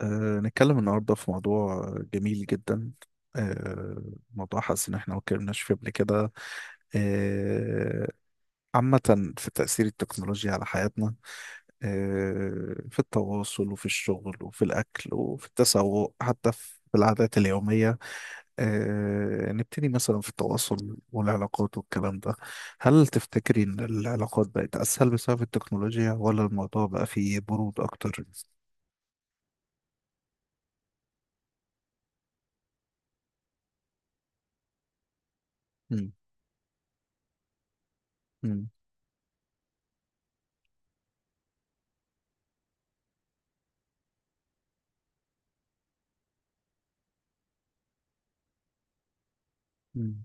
نتكلم النهاردة في موضوع جميل جدا، أه موضوع حاسس إن إحنا ما اتكلمناش فيه قبل كده. أه عامة في تأثير التكنولوجيا على حياتنا، في التواصل وفي الشغل وفي الأكل وفي التسوق، حتى في العادات اليومية. نبتدي مثلا في التواصل والعلاقات والكلام ده. هل تفتكري إن العلاقات بقت أسهل بسبب التكنولوجيا ولا الموضوع بقى فيه برود أكتر؟ مم. مم.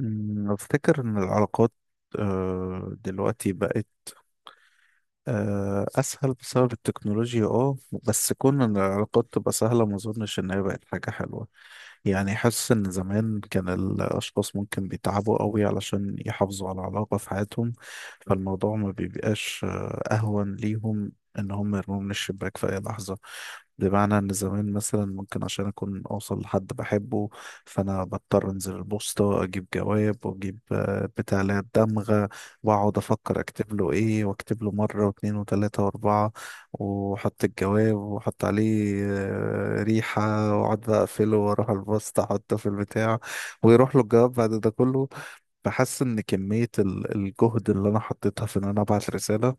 أفتكر إن العلاقات دلوقتي بقت أسهل بسبب التكنولوجيا. اه بس كون إن العلاقات تبقى سهلة، ما أظنش إن هي بقت حاجة حلوة. يعني حاسس إن زمان كان الأشخاص ممكن بيتعبوا قوي علشان يحافظوا على علاقة في حياتهم، فالموضوع ما بيبقاش أهون ليهم إن هم يرموا من الشباك في أي لحظة. بمعنى إن زمان مثلا، ممكن عشان أكون أوصل لحد بحبه، فأنا بضطر أنزل البوسطة أجيب جواب وأجيب بتاع اللي هي الدمغة، واقعد افكر اكتب له ايه، واكتب له مره واثنين وثلاثه واربعه، واحط الجواب واحط عليه ريحه، واقعد بقى اقفله واروح البسط احطه في البتاع، ويروح له الجواب بعد ده كله. بحس ان كميه الجهد اللي انا حطيتها في ان انا ابعت رساله،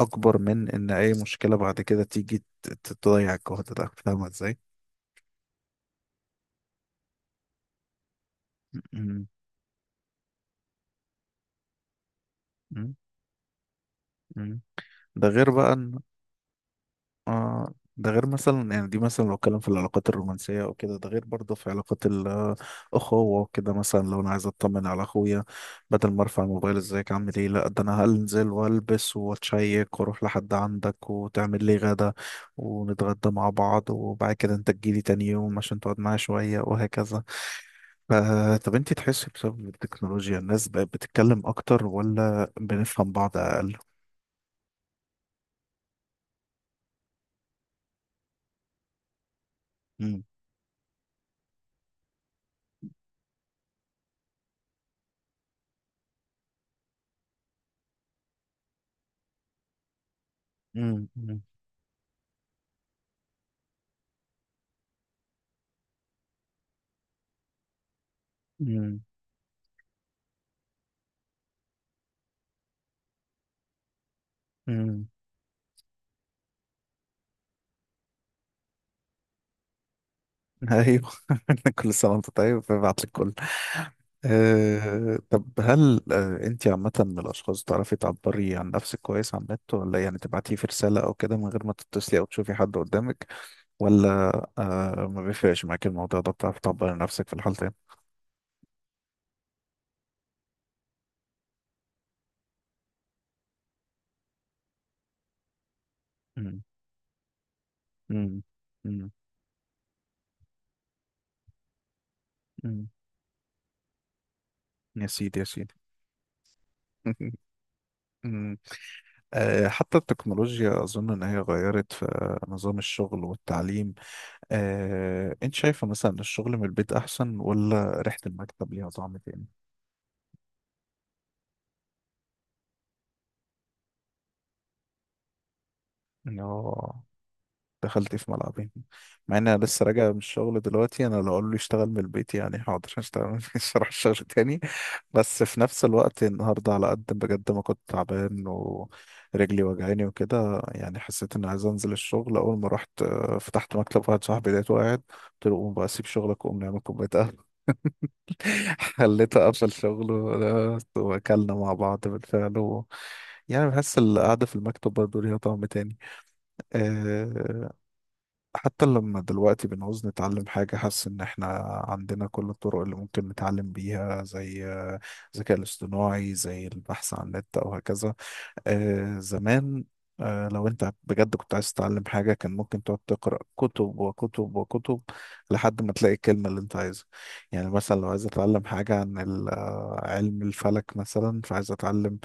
اكبر من ان اي مشكله بعد كده تيجي تضيع الجهد ده. فاهمه ازاي؟ م- م- م- م. ده غير بقى ان ده غير مثلا، يعني دي مثلا لو اتكلم في العلاقات الرومانسية او كده، ده غير برضه في علاقات الأخوة وكده. مثلا لو انا عايز اطمن على اخويا، بدل ما ارفع الموبايل ازيك عامل ايه، لا ده انا هنزل والبس واتشيك واروح لحد عندك، وتعمل لي غدا، ونتغدى مع بعض، وبعد كده انت تجيلي تاني يوم عشان تقعد معايا شوية، وهكذا. ف- طب انت تحسي بسبب التكنولوجيا الناس بقت بتتكلم اكتر ولا بنفهم بعض اقل؟ مم. مم. مم. مم. مم. ايوه كل سنه وانت طيب، ببعت لك كل طب هل انت عامه من الاشخاص تعرفي تعبري عن نفسك كويس على النت؟ ولا يعني تبعتيه في رساله او كده من غير ما تتصلي او تشوفي حد قدامك؟ ولا ما بيفرقش معاك الموضوع ده، بتعرفي تعبري عن نفسك في الحالتين؟ مم. مم. مم. مم. يا سيدي يا سيدي. مم. حتى التكنولوجيا أظن إن هي غيرت في نظام الشغل والتعليم. انت شايفة مثلا إن الشغل من البيت احسن، ولا ريحة المكتب ليها طعم تاني؟ اه دخلت في ملعبين. مع ان انا لسه راجع من الشغل دلوقتي، انا لو قالوا لي اشتغل من البيت يعني حاضر هشتغل، مش هروح الشغل تاني. بس في نفس الوقت النهارده على قد بجد ما كنت تعبان ورجلي وجعاني وكده، يعني حسيت اني عايز انزل الشغل. اول ما رحت فتحت مكتب واحد صاحبي لقيته قاعد، قلت له قوم بقى سيب شغلك وقوم نعمل كوبايه. خليته قفل شغله ده، واكلنا مع بعض بالفعل، و... يعني بحس القعدة في المكتب برضه ليها طعم تاني. آه، حتى لما دلوقتي بنعوز نتعلم حاجة، حاسس إن إحنا عندنا كل الطرق اللي ممكن نتعلم بيها، زي الذكاء الاصطناعي، زي البحث عن النت أو هكذا. زمان لو أنت بجد كنت عايز تتعلم حاجة، كان ممكن تقعد تقرأ كتب وكتب وكتب لحد ما تلاقي الكلمة اللي أنت عايزها. يعني مثلا لو عايز أتعلم حاجة عن علم الفلك مثلا، فعايز أتعلم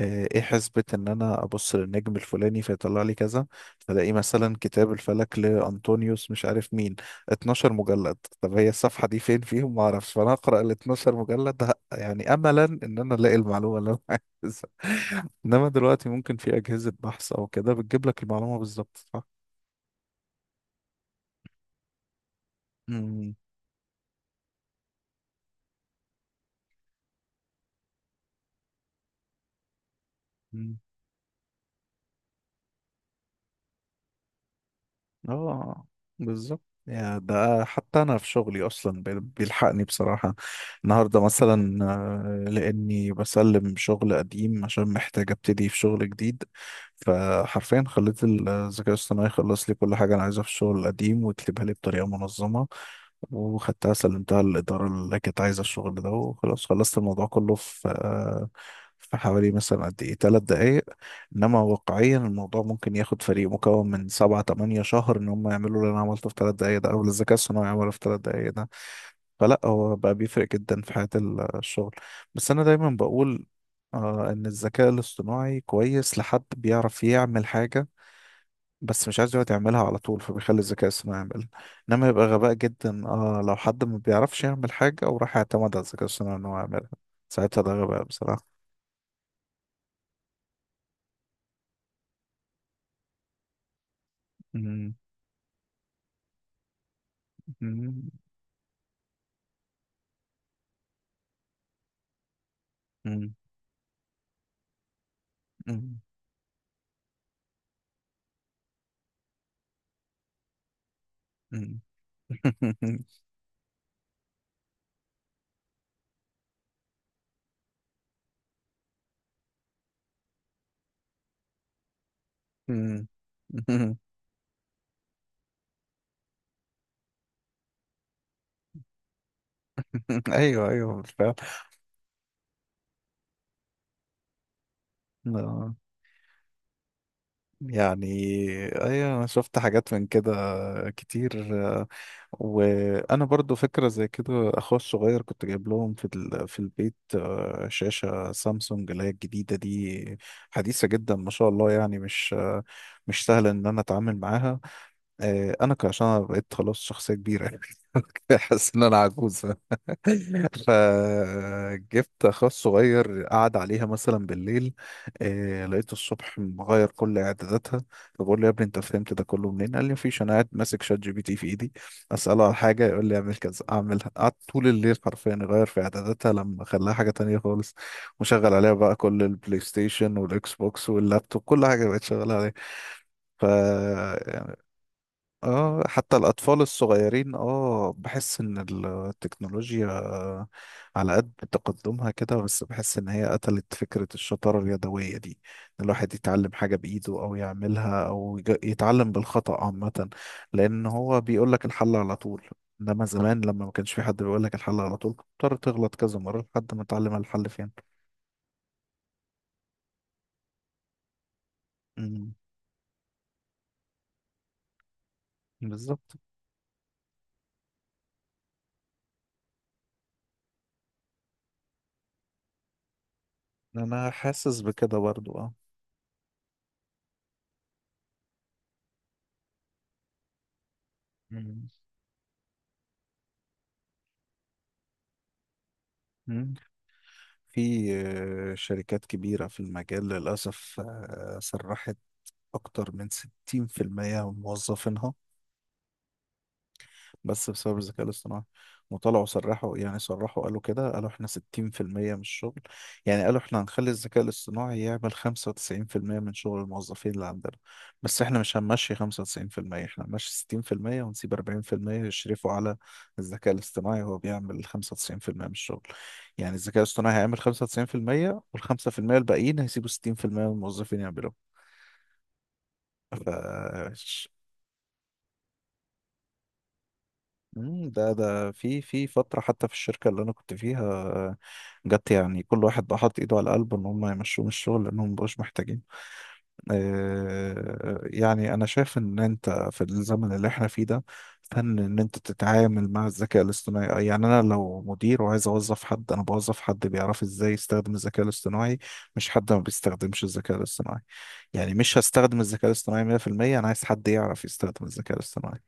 ايه حسبة ان انا ابص للنجم الفلاني فيطلع لي كذا. فلاقي مثلا كتاب الفلك لانطونيوس مش عارف مين، 12 مجلد. طب هي الصفحة دي فين فيهم؟ ما اعرفش. فانا اقرا ال 12 مجلد يعني املا ان انا الاقي المعلومة اللي انا عايزها. انما دلوقتي ممكن في اجهزة بحث او كده بتجيب لك المعلومة بالظبط، صح؟ مم. اه بالظبط. يا ده حتى انا في شغلي اصلا بيلحقني بصراحه. النهارده مثلا لاني بسلم شغل قديم عشان محتاج ابتدي في شغل جديد، فحرفيا خليت الذكاء الاصطناعي يخلص لي كل حاجه انا عايزها في الشغل القديم ويكتبها لي بطريقه منظمه. وخدتها سلمتها للاداره اللي كانت عايزه الشغل ده، وخلاص خلصت الموضوع كله في في حوالي مثلا قد ايه 3 دقايق. انما واقعيا الموضوع ممكن ياخد فريق مكون من 7 8 شهر ان هم يعملوا اللي انا عملته في 3 دقايق ده، او اللي الذكاء الصناعي عمله في 3 دقايق ده. فلا، هو بقى بيفرق جدا في حياة الشغل. بس انا دايما بقول ان الذكاء الاصطناعي كويس لحد بيعرف يعمل حاجة بس مش عايز يقعد يعملها على طول، فبيخلي الذكاء الصناعي يعملها. انما يبقى غباء جدا اه لو حد ما بيعرفش يعمل حاجة وراح يعتمد على الذكاء الصناعي ان هو يعملها، ساعتها ده غباء بصراحة. مم. مم. مم. مم. مم. مم. ايوه ايوه بالفعل. آه، يعني ايوه انا شفت حاجات من كده كتير. وانا برضو فكره زي كده، اخويا الصغير كنت جايب لهم في في البيت شاشه سامسونج اللي هي الجديده دي، حديثه جدا ما شاء الله، يعني مش مش سهل ان انا اتعامل معاها. انا عشان أنا بقيت خلاص شخصيه كبيره حاسس ان انا عجوز. فجبت اخويا الصغير قعد عليها مثلا بالليل. لقيته الصبح مغير كل اعداداتها. فبقول له يا ابني انت فهمت ده كله منين؟ قال لي مفيش، انا قاعد ماسك شات جي بي تي في ايدي، اساله على حاجه يقول لي اعمل كذا اعملها. قعدت طول الليل حرفيا يغير في اعداداتها لما خلاها حاجه تانية خالص، وشغل عليها بقى كل البلاي ستيشن والاكس بوكس واللابتوب، كل حاجه بقت شغاله عليها. ف اه حتى الأطفال الصغيرين اه بحس إن التكنولوجيا على قد تقدمها كده، بس بحس إن هي قتلت فكرة الشطارة اليدوية دي، إن الواحد يتعلم حاجة بإيده أو يعملها أو يتعلم بالخطأ عامة. لأن هو بيقول لك الحل على طول. إنما زمان لما ما كانش في حد بيقول لك الحل على طول، كنت بتضطر تغلط كذا مرة لحد ما تعلم الحل فين. مم، بالظبط. أنا حاسس بكده برضو اه. مم. مم. في شركات كبيرة في المجال للأسف سرحت أكتر من 60% من موظفينها، بس بسبب الذكاء الاصطناعي. وطلعوا صرحوا، يعني صرحوا قالوا كده، قالوا احنا 60% من الشغل، يعني قالوا احنا هنخلي الذكاء الاصطناعي يعمل 95% من شغل الموظفين اللي عندنا، بس احنا مش هنمشي 95%، احنا هنمشي 60% ونسيب 40% يشرفوا على الذكاء الاصطناعي وهو بيعمل 95% من الشغل. يعني الذكاء الاصطناعي هيعمل 95%، وال5% الباقيين هيسيبوا 60% من الموظفين يعملوا. مم، ده ده في في فترة حتى في الشركة اللي أنا كنت فيها جت، يعني كل واحد بقى حاطط إيده على قلبه إن هم يمشوه من الشغل لأنهم مبقوش محتاجين. يعني أنا شايف إن أنت في الزمن اللي إحنا فيه ده، فن إن أنت تتعامل مع الذكاء الاصطناعي. يعني أنا لو مدير وعايز أوظف حد، أنا بوظف حد بيعرف إزاي يستخدم الذكاء الاصطناعي، مش حد ما بيستخدمش الذكاء الاصطناعي. يعني مش هستخدم الذكاء الاصطناعي 100%، أنا عايز حد يعرف يستخدم الذكاء الاصطناعي.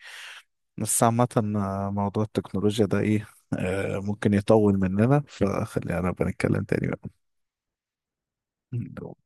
بس عامة موضوع التكنولوجيا ده ايه ممكن يطول مننا، فخلينا نبقى نتكلم تاني بقى.